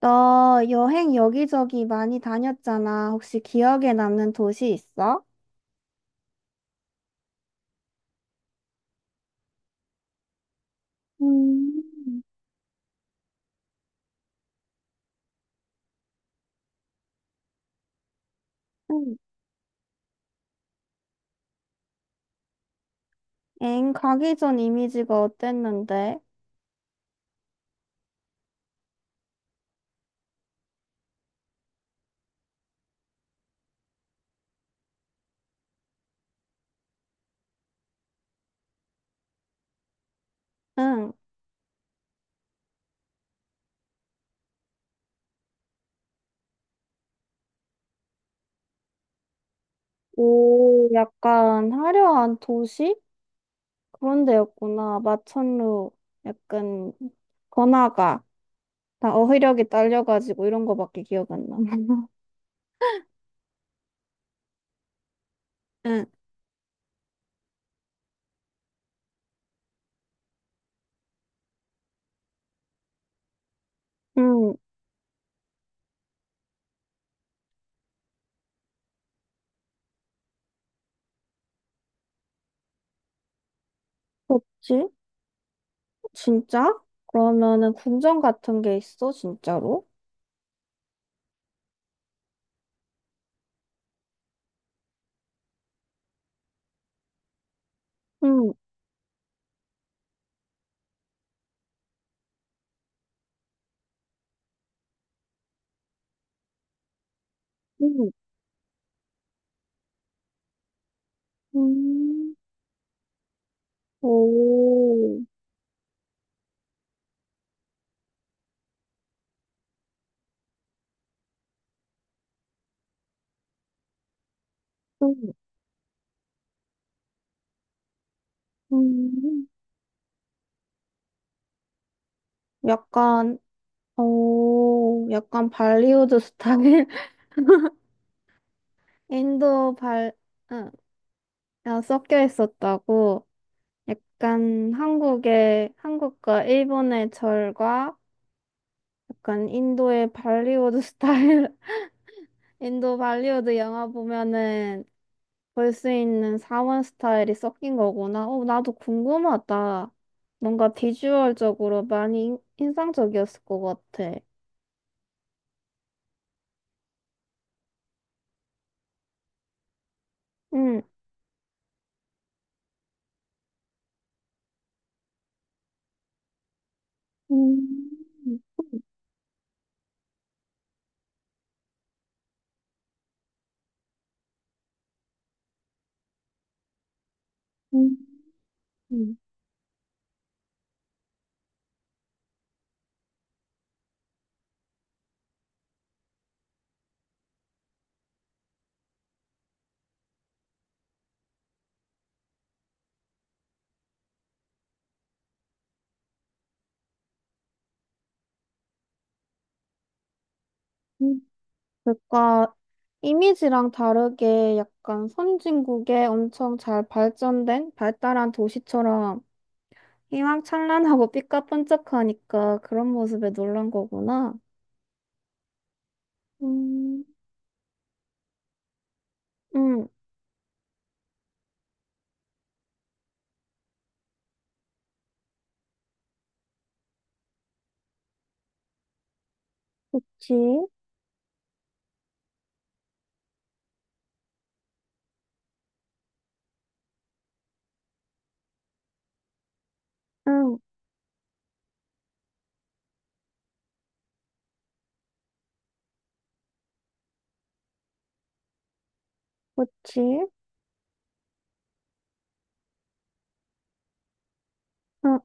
너 여행 여기저기 많이 다녔잖아. 혹시 기억에 남는 도시 있어? 음, 응. 엥, 가기 전 이미지가 어땠는데? 응. 오, 약간 화려한 도시? 그런 데였구나. 마천루, 약간 번화가. 나 어휘력이 딸려가지고 이런 거밖에 기억 안 나. 응. 응. 그렇지? 진짜? 그러면은 궁전 같은 게 있어? 진짜로? 응. 응. 응. 오, 좀, 음, 약간, 오, 약간 발리우드 스타일? 인도 발, 응, 아, 섞여 있었다고. 약간 한국의, 한국과 일본의 절과 약간 인도의 발리우드 스타일, 인도 발리우드 영화 보면은 볼 수 있는 사원 스타일이 섞인 거구나. 오, 나도 궁금하다. 뭔가 비주얼적으로 많이 인상적이었을 것 같아. 응. 음, 음, 음, 음. 그러니까 이미지랑 다르게 약간 선진국의 엄청 잘 발전된 발달한 도시처럼 희망찬란하고 삐까뻔쩍하니까 그런 모습에 놀란 거구나. 음, 응. 그치, 응, 그치, 응,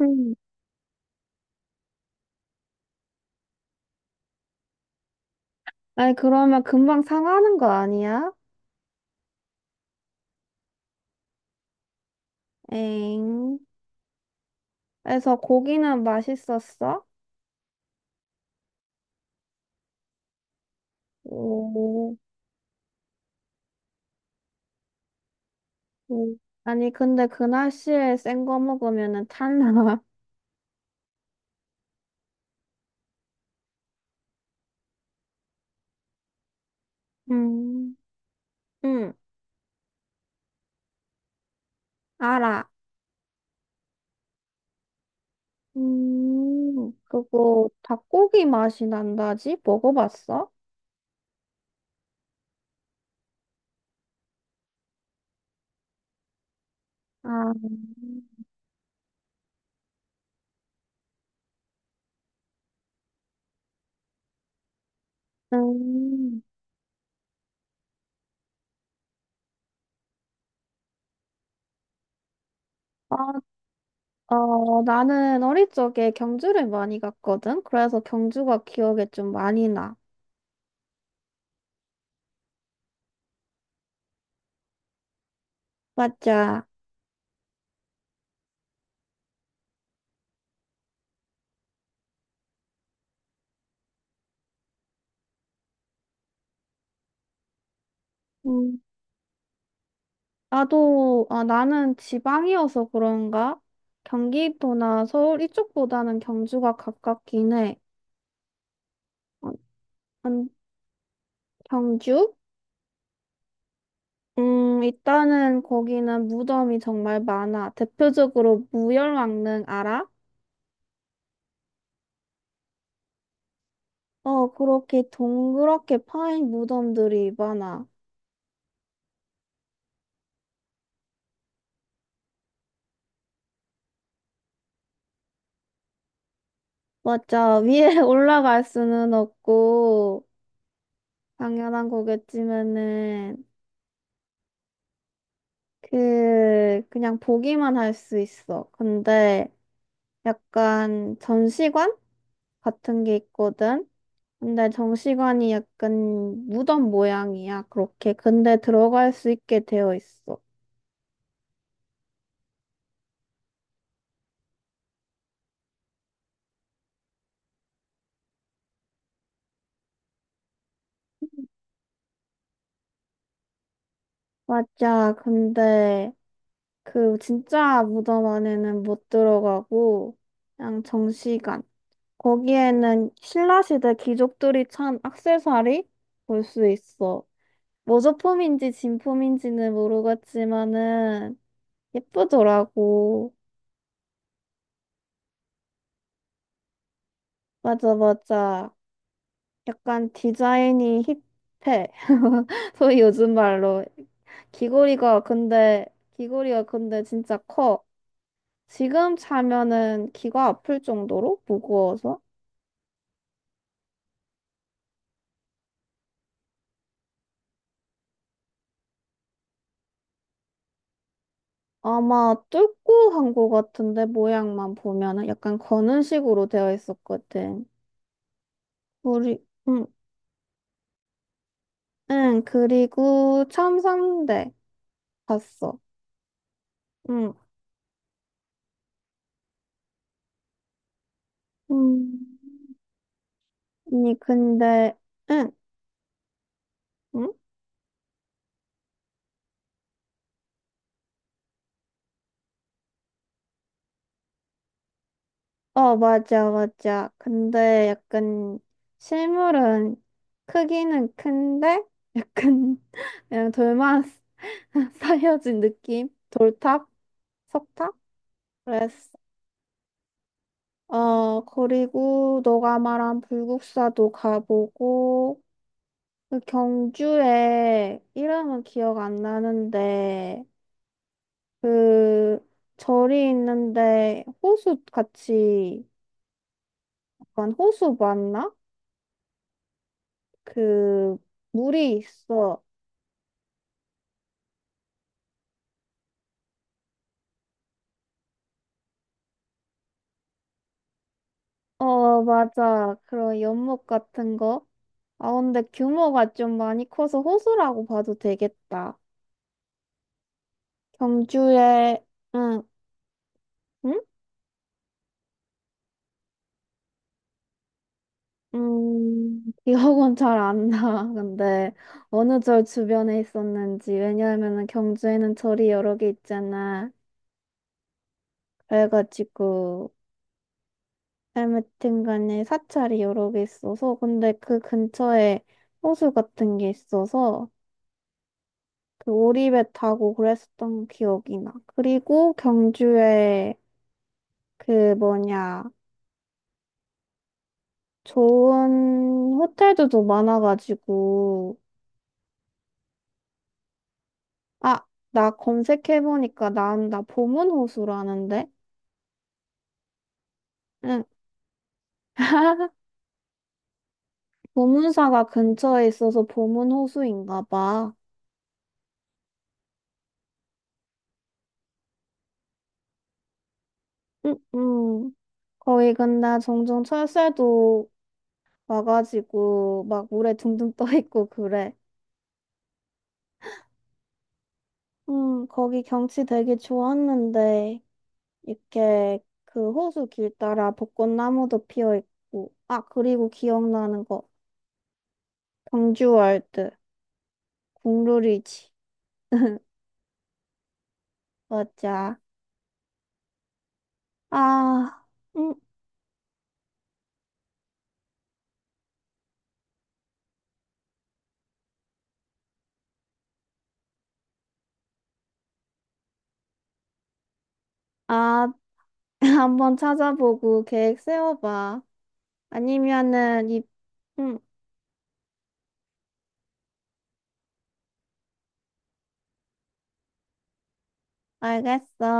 응. 아니, 그러면 금방 상하는 거 아니야? 엥. 그래서 고기는 맛있었어? 오. 음. 아니, 근데 그 날씨에 센 거 먹으면은 탈나. 음, 응, 알아. 그거 닭고기 맛이 난다지? 먹어봤어? 아, 음, 아, 어, 나는 어릴 적에 경주를 많이 갔거든? 그래서 경주가 기억에 좀 많이 나. 맞아. 음, 나도, 아, 나는 지방이어서 그런가? 경기도나 서울 이쪽보다는 경주가 가깝긴 해. 음, 경주? 일단은 거기는 무덤이 정말 많아. 대표적으로 무열왕릉 알아? 어, 그렇게 동그랗게 파인 무덤들이 많아. 맞아. 위에 올라갈 수는 없고, 당연한 거겠지만은, 그, 그냥 보기만 할 수 있어. 근데 약간 전시관 같은 게 있거든? 근데 정시관이 약간 무덤 모양이야, 그렇게. 근데 들어갈 수 있게 되어 있어. 맞아, 근데 그 진짜 무덤 안에는 못 들어가고, 그냥 정시관. 거기에는 신라시대 귀족들이 찬 액세서리 볼 수 있어. 모조품인지 진품인지는 모르겠지만은 예쁘더라고. 맞아, 맞아. 약간 디자인이 힙해. 소위 요즘 말로. 귀걸이가 근데 귀걸이가 근데 진짜 커. 지금 차면은 귀가 아플 정도로 무거워서 아마 뚫고 한 거 같은데 모양만 보면은 약간 거는 식으로 되어 있었거든. 우리 응, 응 그리고 첨상대 봤어. 응, 응. 아니 근데 응, 응? 어, 맞아, 맞아. 근데 약간 실물은 크기는 큰데 약간 그냥 돌만 쌓여진 느낌? 돌탑? 석탑? 그랬어. 어, 그리고 너가 말한 불국사도 가보고 그 경주에 이름은 기억 안 나는데 그 절이 있는데 호수 같이 약간 호수 맞나? 그 물이 있어. 어, 맞아. 그런 연못 같은 거. 아, 근데 규모가 좀 많이 커서 호수라고 봐도 되겠다. 경주에, 응, 응? 기억은 잘 안 나. 근데 어느 절 주변에 있었는지. 왜냐하면은 경주에는 절이 여러 개 있잖아. 그래가지고, 아무튼 간에 사찰이 여러 개 있어서. 근데 그 근처에 호수 같은 게 있어서. 그 오리배 타고 그랬었던 기억이 나. 그리고 경주에 그 뭐냐, 좋은 호텔도 좀 많아가지고. 아, 나 검색해보니까 나 보문호수라는데? 응. 보문사가 근처에 있어서 보문호수인가 봐. 응, 응. 거기 근데 종종 철새도 와가지고 막 물에 둥둥 떠 있고 그래. 응, 거기 경치 되게 좋았는데. 이렇게 그 호수 길 따라 벚꽃나무도 피어 있고, 아, 그리고 기억나는 거, 경주월드, 국룰이지. 맞아. 아, 음, 아, 한번 찾아보고 계획 세워봐. 아니면은, 이, 음, 알겠어.